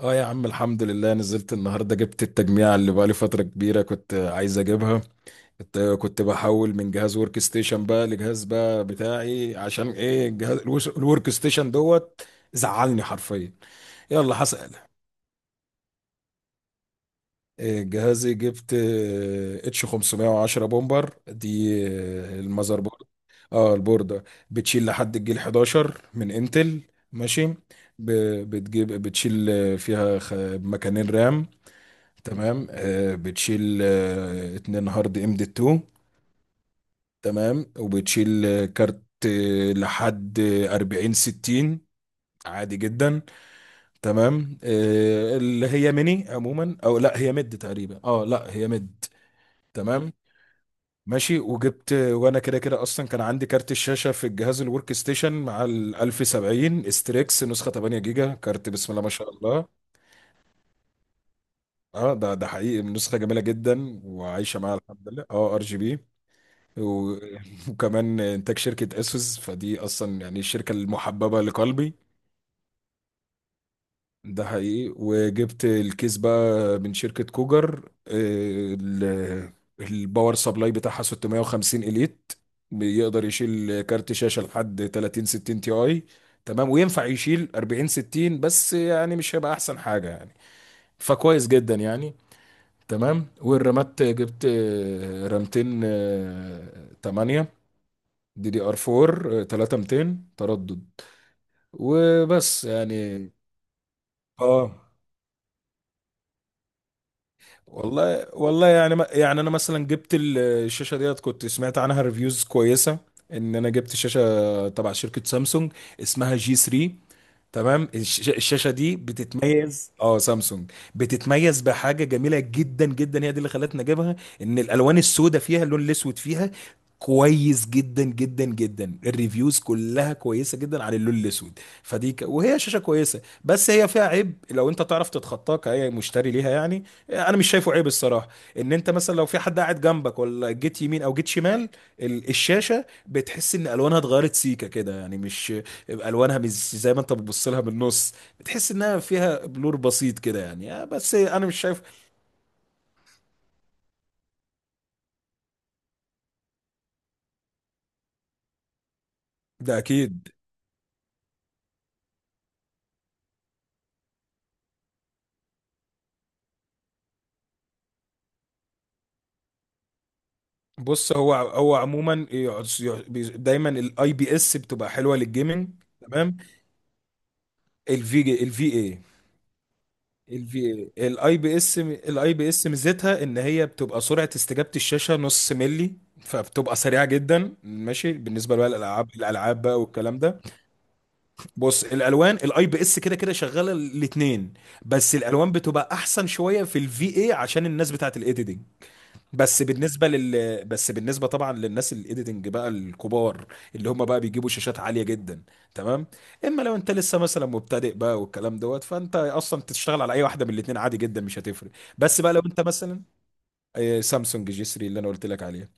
اه يا عم، الحمد لله. نزلت النهارده جبت التجميع اللي بقالي فترة كبيرة كنت عايز اجيبها. كنت بحول من جهاز ورك ستيشن بقى لجهاز بقى بتاعي، عشان ايه الجهاز الورك ستيشن دوت زعلني حرفيا. يلا هسأل. جهازي جبت اتش 510 بومبر دي المذر بورد. اه، البوردة بتشيل لحد الجيل 11 من انتل. ماشي. ب- بتجيب بتشيل فيها مكانين رام. تمام، بتشيل اتنين هارد ام دي 2. تمام، وبتشيل كارت لحد 40 60 عادي جدا. تمام اللي هي ميني عموما، او لا هي ميد تقريبا، اه لا هي ميد. تمام، ماشي. وجبت وانا كده كده اصلا كان عندي كارت الشاشه في الجهاز الورك ستيشن، مع ال 1070 استريكس نسخه 8 جيجا كارت، بسم الله ما شاء الله. اه ده حقيقي، نسخه جميله جدا وعايشه معايا الحمد لله. اه، ار جي بي. و- وكمان انتاج شركة اسوس، فدي اصلا يعني الشركة المحببة لقلبي. ده حقيقي. وجبت الكيس بقى من شركة كوجر، الباور سبلاي بتاعها 650 اليت. بيقدر يشيل كارت شاشة لحد 30 60 تي اي. تمام، وينفع يشيل 40 60 بس يعني مش هيبقى احسن حاجة يعني، فكويس جدا يعني. تمام. والرامات جبت رامتين 8، دي دي ار 4، 3200 تردد وبس يعني. اه، والله والله يعني، يعني انا مثلا جبت الشاشه ديت كنت سمعت عنها ريفيوز كويسه، ان انا جبت شاشه تبع شركه سامسونج اسمها جي 3. تمام. الشاشه دي بتتميز، اه سامسونج بتتميز بحاجه جميله جدا جدا، هي دي اللي خلتنا نجيبها. ان الالوان السوداء فيها، اللون الاسود فيها كويس جدا جدا جدا، الريفيوز كلها كويسه جدا على اللون الاسود. فدي وهي شاشه كويسه، بس هي فيها عيب لو انت تعرف تتخطاه كأي مشتري ليها يعني. انا مش شايفه عيب الصراحه. ان انت مثلا لو في حد قاعد جنبك، ولا جيت يمين او جيت شمال، الشاشه بتحس ان الوانها اتغيرت سيكه كده يعني، مش يبقى الوانها مش زي ما انت بتبص لها بالنص، بتحس انها فيها بلور بسيط كده يعني، بس انا مش شايف. ده اكيد. بص، هو عموما دايما الاي بي اس بتبقى حلوه للجيمنج. تمام. الفي جي، الفي اي. الفي اي الاي بي اس، الاي بي اس ميزتها ان هي بتبقى سرعه استجابه الشاشه نص ملي، فبتبقى سريعه جدا. ماشي بالنسبه بقى للالعاب، الالعاب بقى والكلام ده. بص، الالوان الاي بي اس كده كده شغاله الاثنين، بس الالوان بتبقى احسن شويه في الفي اي عشان الناس بتاعه الايديتنج. بس بالنسبه طبعا للناس الايديتنج بقى الكبار، اللي هم بقى بيجيبوا شاشات عاليه جدا. تمام. اما لو انت لسه مثلا مبتدئ بقى والكلام دوت، فانت اصلا تشتغل على اي واحده من الاثنين عادي جدا، مش هتفرق. بس بقى لو انت مثلا سامسونج جي 3 اللي انا قلت لك عليها.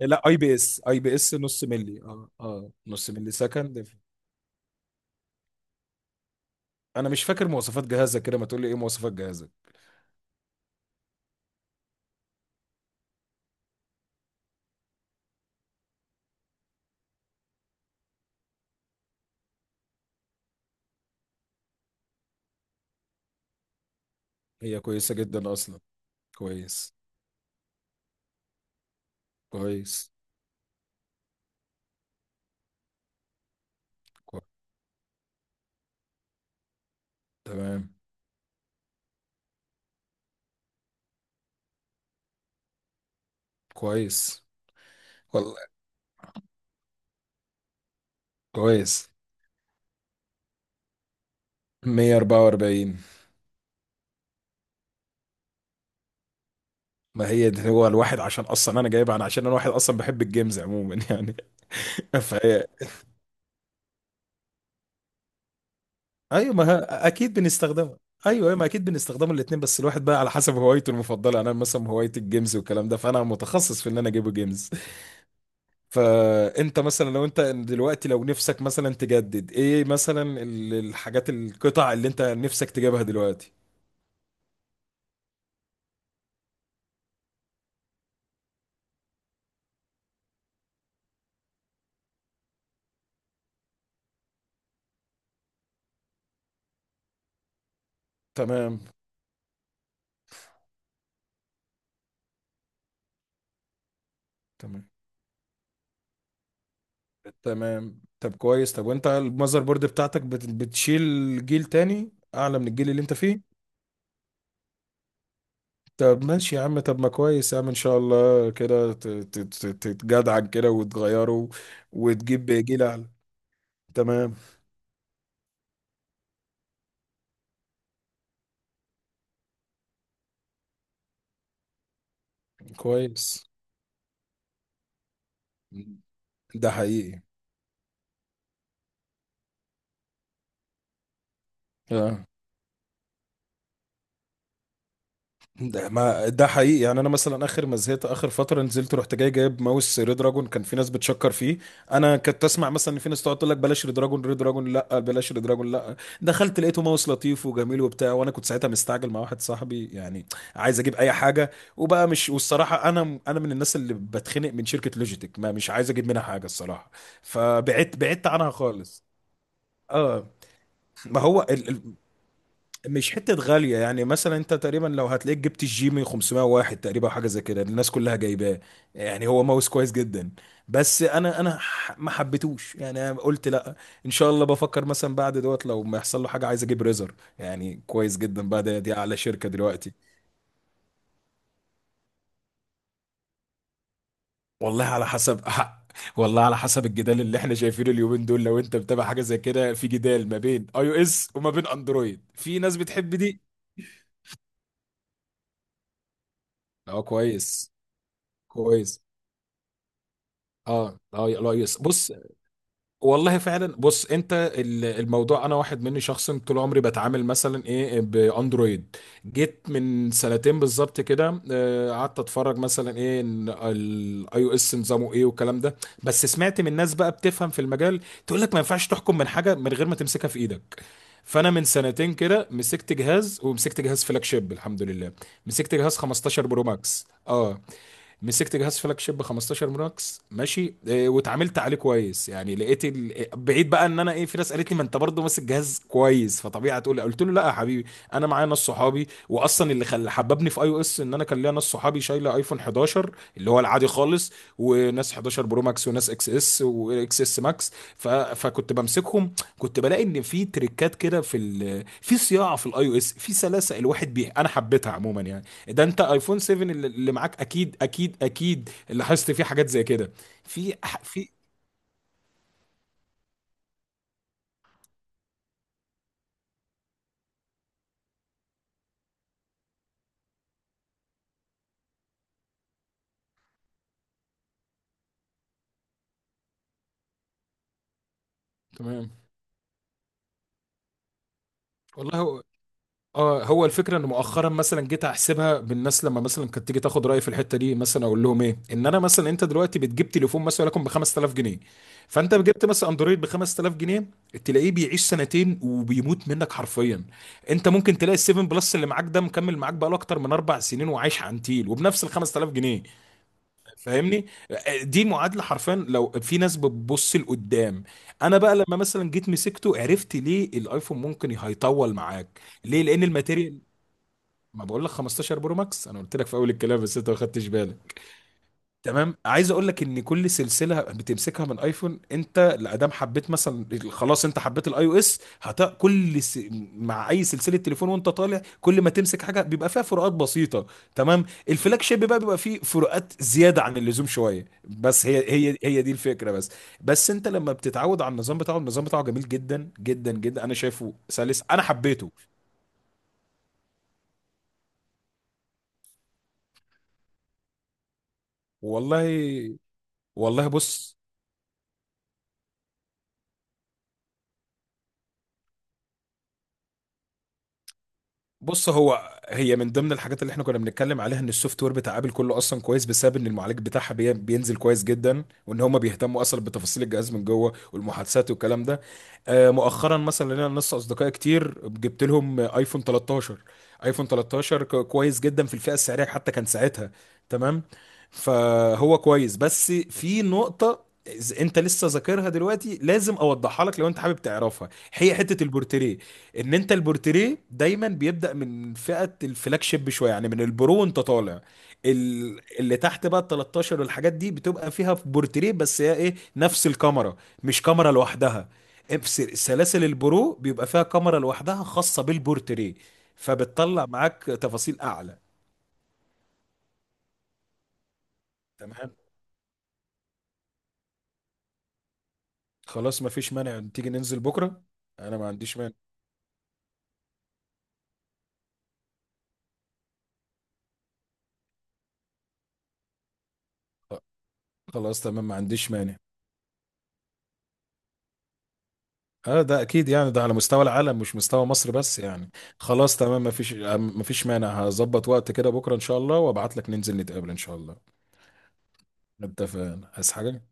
لا، اي بي اس، اي بي اس نص ملي، اه اه نص ملي سكند. انا مش فاكر مواصفات جهازك كده، ما تقول لي ايه مواصفات جهازك. هي كويسة جدا اصلا. كويس. كويس. كويس. تمام. كويس. والله. كويس. 144، ما هي ده هو الواحد، عشان اصلا انا جايبها انا، عشان انا واحد اصلا بحب الجيمز عموما يعني. فهي. ايوه، ما اكيد بنستخدمها. ايوه، أيوة، ما اكيد بنستخدمها الاثنين، بس الواحد بقى على حسب هوايته المفضله. انا مثلا هوايتي الجيمز والكلام ده، فانا متخصص في ان انا اجيب جيمز. فانت مثلا لو انت دلوقتي، لو نفسك مثلا تجدد ايه مثلا الحاجات، القطع اللي انت نفسك تجيبها دلوقتي. تمام. تمام. تمام. طب كويس. طب، وانت المذر بورد بتاعتك بتشيل جيل تاني اعلى من الجيل اللي انت فيه؟ طب ماشي يا عم، طب ما كويس يا عم، ان شاء الله كده تتجدعن كده وتغيره، وتجيب جيل اعلى. تمام. كويس. ده حقيقي. آه. ده ما ده حقيقي يعني. انا مثلا اخر ما زهقت اخر فتره نزلت، رحت جاي جايب ماوس ريد دراجون كان في ناس بتشكر فيه. انا كنت اسمع مثلا ان في ناس تقعد تقول لك بلاش ريد دراجون، ريد دراجون لا بلاش ريد دراجون، لا. دخلت لقيته ماوس لطيف وجميل وبتاع، وانا كنت ساعتها مستعجل مع واحد صاحبي يعني، عايز اجيب اي حاجه. وبقى مش، والصراحه انا من الناس اللي بتخنق من شركه لوجيتك، ما مش عايز اجيب منها حاجه الصراحه. فبعدت، بعدت عنها خالص. اه. ما هو مش حتة غالية يعني، مثلا انت تقريبا لو هتلاقيك جبت الجيمي 501 تقريبا، حاجة زي كده الناس كلها جايباه. يعني هو ماوس كويس جدا، بس ما حبيتهوش يعني، انا قلت لا. ان شاء الله بفكر مثلا بعد دوت، لو ما يحصل له حاجة عايز اجيب ريزر، يعني كويس جدا بقى ده، دي اعلى شركة دلوقتي. والله على حسب. والله على حسب، الجدال اللي احنا شايفينه اليومين دول لو انت متابع حاجة زي كده، في جدال ما بين اي او اس وما بين اندرويد، في ناس بتحب دي. اه كويس. كويس. اه اه، لا يس. بص. والله فعلا. بص، انت الموضوع، انا واحد مني شخصا طول عمري بتعامل مثلا ايه باندرويد. جيت من سنتين بالظبط كده، اه، قعدت اتفرج مثلا ايه الاي او اس نظامه ايه والكلام ده. بس سمعت من ناس بقى بتفهم في المجال، تقول لك ما ينفعش تحكم من حاجه من غير ما تمسكها في ايدك. فانا من سنتين كده مسكت جهاز، ومسكت جهاز فلاج شيب الحمد لله. مسكت جهاز 15 برو ماكس. اه. مسكت جهاز فلاج شيب 15 ماكس. ماشي. واتعاملت عليه كويس يعني. لقيت ال... بعيد بقى، ان انا ايه، في ناس قالت لي ما انت برضه ماسك جهاز كويس فطبيعي هتقول، قلت له لا يا حبيبي. انا معايا ناس صحابي، واصلا اللي حببني في اي او اس، ان انا كان ليا ناس صحابي شايله ايفون 11 اللي هو العادي خالص، وناس 11 برو ماكس، وناس اكس اس واكس اس ماكس، فكنت بمسكهم. كنت بلاقي ان في تريكات كده في ال... في صياعه في الاي او اس، في سلاسه الواحد بيها، انا حبيتها عموما يعني. ده انت ايفون 7 اللي معاك اكيد اكيد اكيد لاحظت فيه حاجات زي كده، في. تمام. والله هو، اه. هو الفكره ان مؤخرا مثلا جيت احسبها بالناس، لما مثلا كانت تيجي تاخد رايي في الحته دي مثلا، اقول لهم ايه، ان انا مثلا، انت دلوقتي بتجيب تليفون مثلا لكم ب 5000 جنيه، فانت جبت مثلا اندرويد ب 5000 جنيه، تلاقيه بيعيش سنتين وبيموت منك حرفيا. انت ممكن تلاقي ال 7 بلس اللي معاك ده مكمل معاك بقاله اكتر من اربع سنين وعايش عنتيل، وبنفس ال 5000 جنيه. فاهمني؟ دي معادله حرفيا لو في ناس بتبص لقدام. انا بقى لما مثلا جيت مسكته، عرفت ليه الايفون ممكن هيطول معاك، ليه لان الماتيريال، ما بقول لك 15 برو ماكس، انا قلت لك في اول الكلام بس انت ما خدتش بالك. تمام. عايز اقول لك ان كل سلسله بتمسكها من ايفون، انت لادام حبيت مثلا خلاص، انت حبيت الاي او اس، هت كل مع اي سلسله تليفون وانت طالع، كل ما تمسك حاجه بيبقى فيها فروقات بسيطه. تمام. الفلاج شيب بقى بيبقى فيه فروقات زياده عن اللزوم شويه، بس هي دي الفكره بس. بس انت لما بتتعود على النظام بتاعه، النظام بتاعه جميل جدا جدا جدا، انا شايفه سلس، انا حبيته. والله. والله بص. هو هي من ضمن الحاجات اللي احنا كنا بنتكلم عليها، ان السوفت وير بتاع ابل كله اصلا كويس بسبب ان المعالج بتاعها بينزل كويس جدا، وان هم بيهتموا اصلا بتفاصيل الجهاز من جوه والمحادثات والكلام ده. مؤخرا مثلا لنا ناس اصدقائي كتير جبت لهم ايفون 13. ايفون 13 كويس جدا في الفئه السعريه حتى كان ساعتها. تمام. فهو كويس، بس في نقطه، إذا انت لسه ذاكرها دلوقتي لازم اوضحها لك لو انت حابب تعرفها، هي حته البورتريه. ان انت البورتريه دايما بيبدا من فئه الفلاج شيب شويه، يعني من البرو وانت طالع. اللي تحت بقى ال 13 والحاجات دي بتبقى فيها في بورتريه، بس هي ايه، نفس الكاميرا، مش كاميرا لوحدها. في سلاسل البرو بيبقى فيها كاميرا لوحدها خاصه بالبورتريه، فبتطلع معاك تفاصيل اعلى. تمام. خلاص ما فيش مانع، تيجي ننزل بكره. انا ما عنديش مانع. خلاص تمام، ما عنديش مانع. اه ده اكيد يعني، ده على مستوى العالم مش مستوى مصر بس يعني. خلاص تمام. مفيش مانع، هظبط وقت كده بكره ان شاء الله، وابعت لك ننزل نتقابل ان شاء الله. اتفقنا. عايز حاجه؟